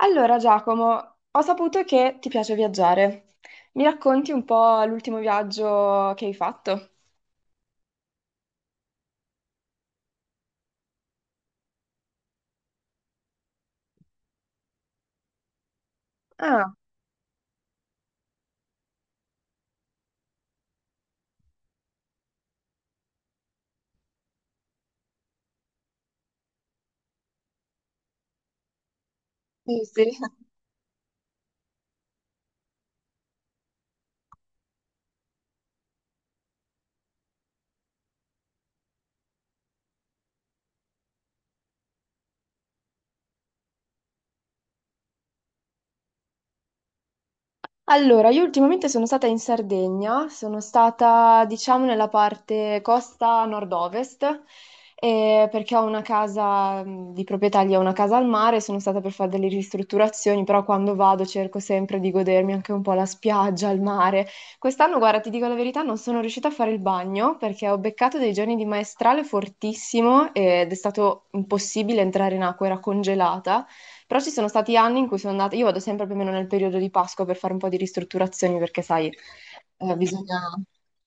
Allora, Giacomo, ho saputo che ti piace viaggiare. Mi racconti un po' l'ultimo viaggio che hai fatto? Ah, sì, sì. Allora, io ultimamente sono stata in Sardegna, sono stata diciamo nella parte costa nord-ovest, perché ho una casa di proprietà lì, ho una casa al mare, sono stata per fare delle ristrutturazioni, però quando vado cerco sempre di godermi anche un po' la spiaggia, il mare. Quest'anno, guarda, ti dico la verità, non sono riuscita a fare il bagno perché ho beccato dei giorni di maestrale fortissimo ed è stato impossibile entrare in acqua, era congelata. Però ci sono stati anni in cui sono andata, io vado sempre più o meno nel periodo di Pasqua per fare un po' di ristrutturazioni perché, sai, bisogna...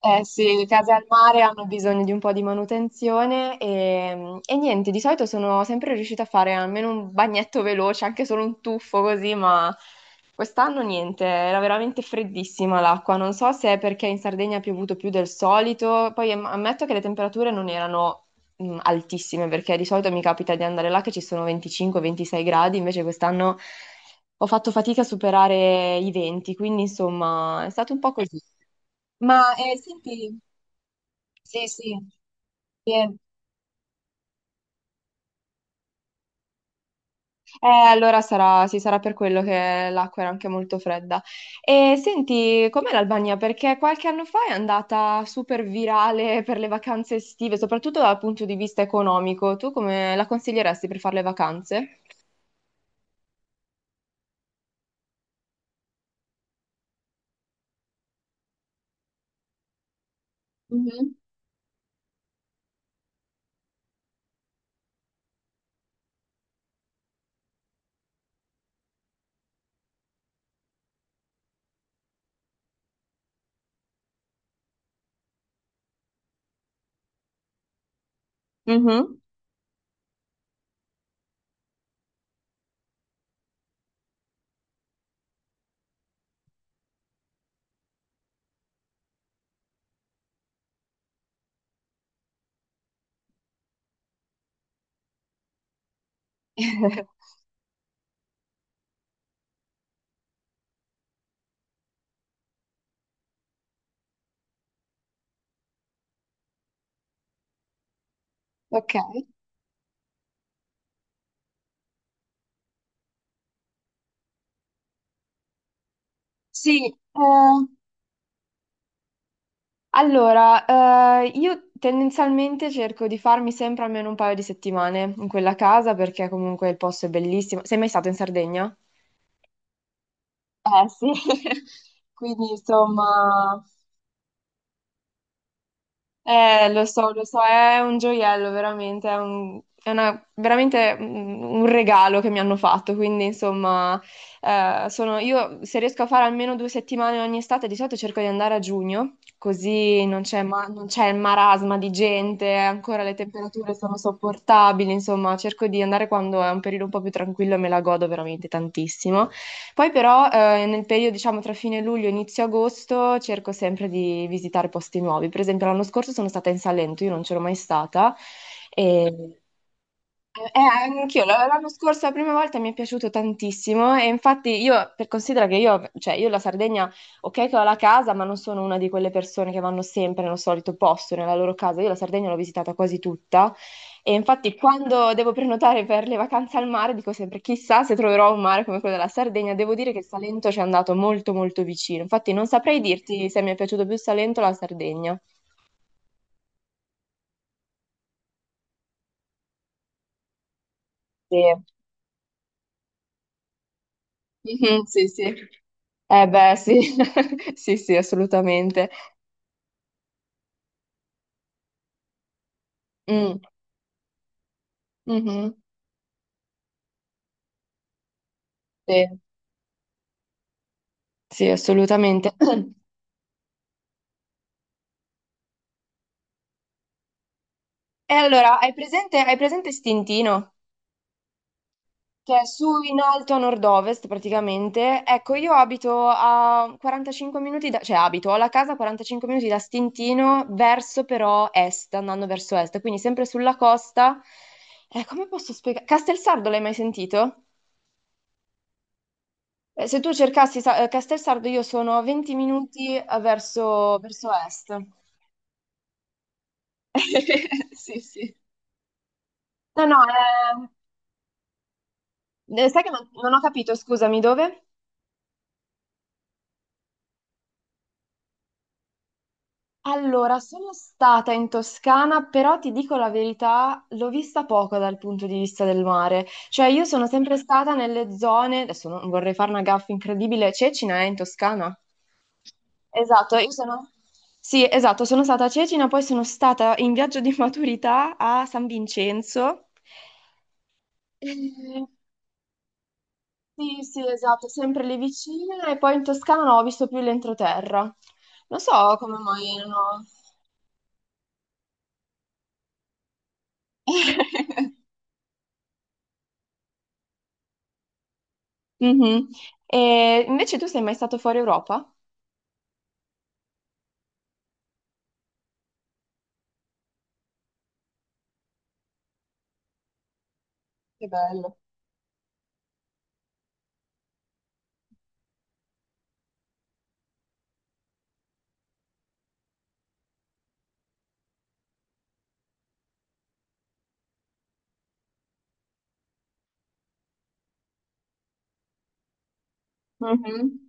Eh sì, le case al mare hanno bisogno di un po' di manutenzione e niente, di solito sono sempre riuscita a fare almeno un bagnetto veloce, anche solo un tuffo così, ma quest'anno niente, era veramente freddissima l'acqua. Non so se è perché in Sardegna ha piovuto più del solito, poi ammetto che le temperature non erano altissime, perché di solito mi capita di andare là che ci sono 25-26 gradi, invece quest'anno ho fatto fatica a superare i 20, quindi insomma è stato un po' così. Senti, sì, sì, sì. Allora sarà, sì, sarà per quello che l'acqua era anche molto fredda. E senti, com'è l'Albania? Perché qualche anno fa è andata super virale per le vacanze estive, soprattutto dal punto di vista economico. Tu come la consiglieresti per fare le vacanze? Mhm. Mhm. Ok, sì, allora, io tendenzialmente cerco di farmi sempre almeno un paio di settimane in quella casa perché comunque il posto è bellissimo. Sei mai stato in Sardegna? Eh sì, quindi insomma eh, lo so, è un gioiello, veramente, è un, è una- veramente un regalo che mi hanno fatto, quindi insomma, io se riesco a fare almeno due settimane ogni estate, di solito cerco di andare a giugno, così non c'è il marasma di gente, ancora le temperature sono sopportabili, insomma, cerco di andare quando è un periodo un po' più tranquillo e me la godo veramente tantissimo. Poi però nel periodo, diciamo, tra fine luglio e inizio agosto cerco sempre di visitare posti nuovi. Per esempio, l'anno scorso sono stata in Salento, io non c'ero mai stata. E anch'io l'anno scorso, la prima volta mi è piaciuto tantissimo e infatti io, per considera che io, cioè io la Sardegna, ok che ho la casa, ma non sono una di quelle persone che vanno sempre nello solito posto, nella loro casa, io la Sardegna l'ho visitata quasi tutta e infatti quando devo prenotare per le vacanze al mare dico sempre chissà se troverò un mare come quello della Sardegna, devo dire che il Salento ci è andato molto molto vicino, infatti non saprei dirti se mi è piaciuto più il Salento o la Sardegna. Sì, mhm, sì, sì. Eh beh, sì, sì, sì, assolutamente. Mm, mhm, sì, sì, assolutamente. E allora, hai presente Stintino? Che è su in alto a nord-ovest praticamente. Ecco, io abito a 45 minuti da... cioè abito, ho la casa a 45 minuti da Stintino verso però est, andando verso est, quindi sempre sulla costa. Come posso spiegare? Castelsardo l'hai mai sentito? Se tu cercassi Castelsardo, io sono a 20 minuti verso, verso est. Sì, sì. No, no, sai che non, non ho capito, scusami, dove? Allora, sono stata in Toscana, però ti dico la verità, l'ho vista poco dal punto di vista del mare. Cioè, io sono sempre stata nelle zone, adesso non vorrei fare una gaffa incredibile, Cecina è in Toscana? Esatto, io sono... Sì, esatto, sono stata a Cecina, poi sono stata in viaggio di maturità a San Vincenzo. Eh, sì, sì, esatto, sempre lì vicino e poi in Toscana non ho visto più l'entroterra. Non so come mai non ho... Mhm. E invece tu sei mai stato fuori Europa? Che bello. Mhm.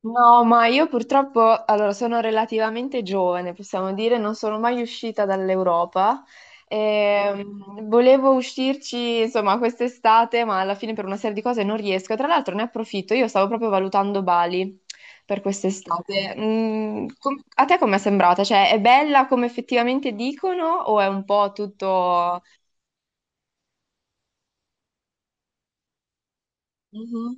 No, ma io purtroppo, allora, sono relativamente giovane, possiamo dire, non sono mai uscita dall'Europa. Volevo uscirci, insomma, quest'estate, ma alla fine per una serie di cose non riesco. Tra l'altro ne approfitto, io stavo proprio valutando Bali per quest'estate. A te com'è sembrata? Cioè, è bella come effettivamente dicono o è un po' tutto... Mhm,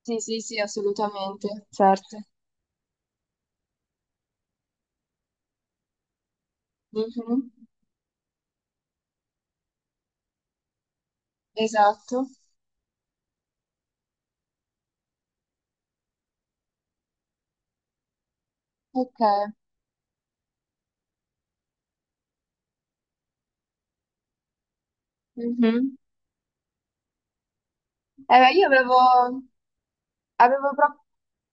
sì, sì, sì, assolutamente, certo. Mhm, esatto. Ok. Mhm. Eh beh, io avevo, avevo proprio...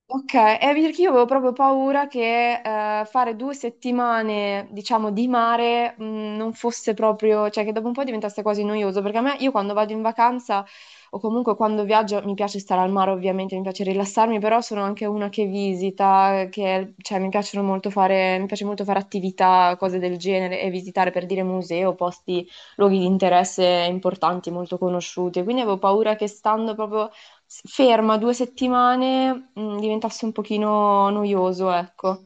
Ok, perché io avevo proprio paura che fare due settimane, diciamo, di mare non fosse proprio... cioè che dopo un po' diventasse quasi noioso, perché a me, io quando vado in vacanza o comunque quando viaggio, mi piace stare al mare ovviamente, mi piace rilassarmi, però sono anche una che visita, che, cioè, mi piace molto fare attività, cose del genere, e visitare per dire musei o posti, luoghi di interesse importanti, molto conosciuti, quindi avevo paura che stando proprio ferma due settimane, diventasse un pochino noioso, ecco.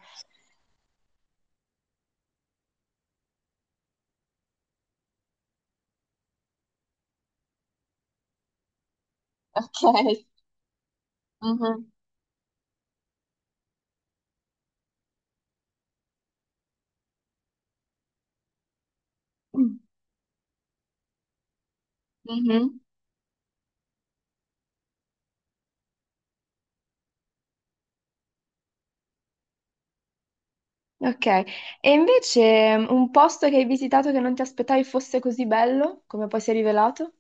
Ok. Mhm. Mhm. Ok, e invece un posto che hai visitato che non ti aspettavi fosse così bello, come poi si è rivelato?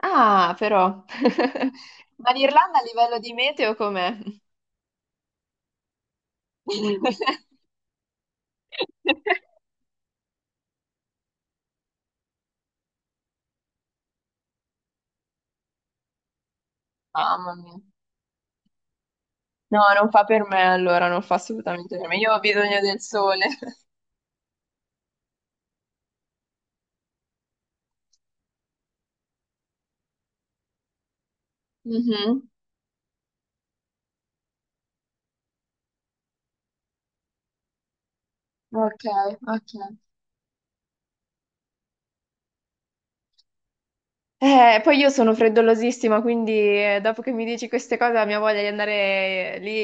Ah, però. Ma l'Irlanda a livello di meteo com'è? Mamma mia. No, non fa per me allora, non fa assolutamente per me. Io ho bisogno del sole. Mhm. Ok, ok. Poi io sono freddolosissima, quindi dopo che mi dici queste cose la mia voglia di andare lì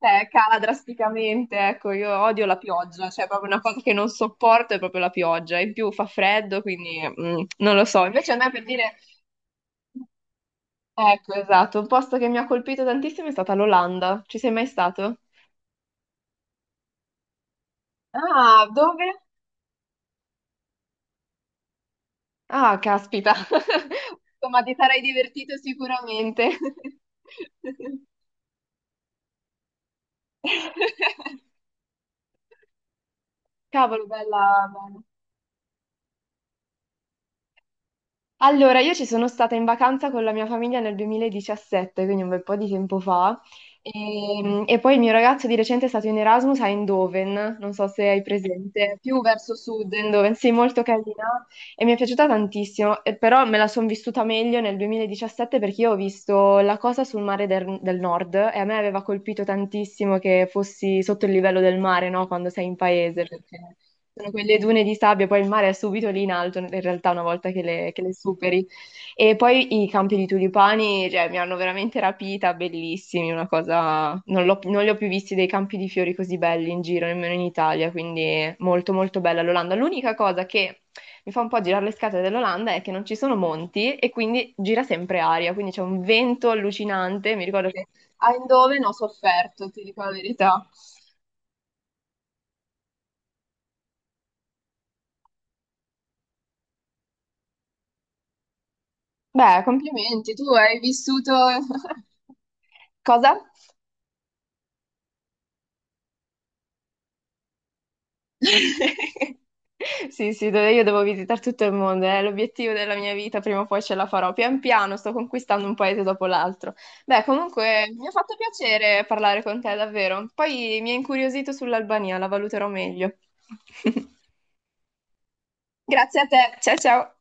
cala drasticamente, ecco, io odio la pioggia, cioè proprio una cosa che non sopporto è proprio la pioggia, in più fa freddo, quindi non lo so. Invece a me per dire, ecco, esatto, un posto che mi ha colpito tantissimo è stata l'Olanda, ci sei mai stato? Ah, dove? Ah, caspita, insomma ti sarai divertito sicuramente. Cavolo, bella, bella. Allora, io ci sono stata in vacanza con la mia famiglia nel 2017, quindi un bel po' di tempo fa. E poi il mio ragazzo di recente è stato in Erasmus a Eindhoven, non so se hai presente, più verso sud, Eindhoven, sì, molto carina e mi è piaciuta tantissimo. E però me la sono vissuta meglio nel 2017 perché io ho visto la cosa sul mare del nord e a me aveva colpito tantissimo che fossi sotto il livello del mare, no? Quando sei in paese, perché sono quelle dune di sabbia, poi il mare è subito lì in alto, in realtà, una volta che che le superi. E poi i campi di tulipani, cioè, mi hanno veramente rapita, bellissimi, una cosa... non li ho più visti dei campi di fiori così belli in giro, nemmeno in Italia, quindi molto molto bella l'Olanda. L'unica cosa che mi fa un po' girare le scatole dell'Olanda è che non ci sono monti e quindi gira sempre aria, quindi c'è un vento allucinante. Mi ricordo che a Eindhoven ho sofferto, ti dico la verità. Beh, complimenti, tu hai vissuto... Cosa? Sì, sì, dove io devo visitare tutto il mondo, è l'obiettivo della mia vita, prima o poi ce la farò. Pian piano sto conquistando un paese dopo l'altro. Beh, comunque mi ha fatto piacere parlare con te, davvero. Poi mi ha incuriosito sull'Albania, la valuterò meglio. Grazie a te, ciao ciao.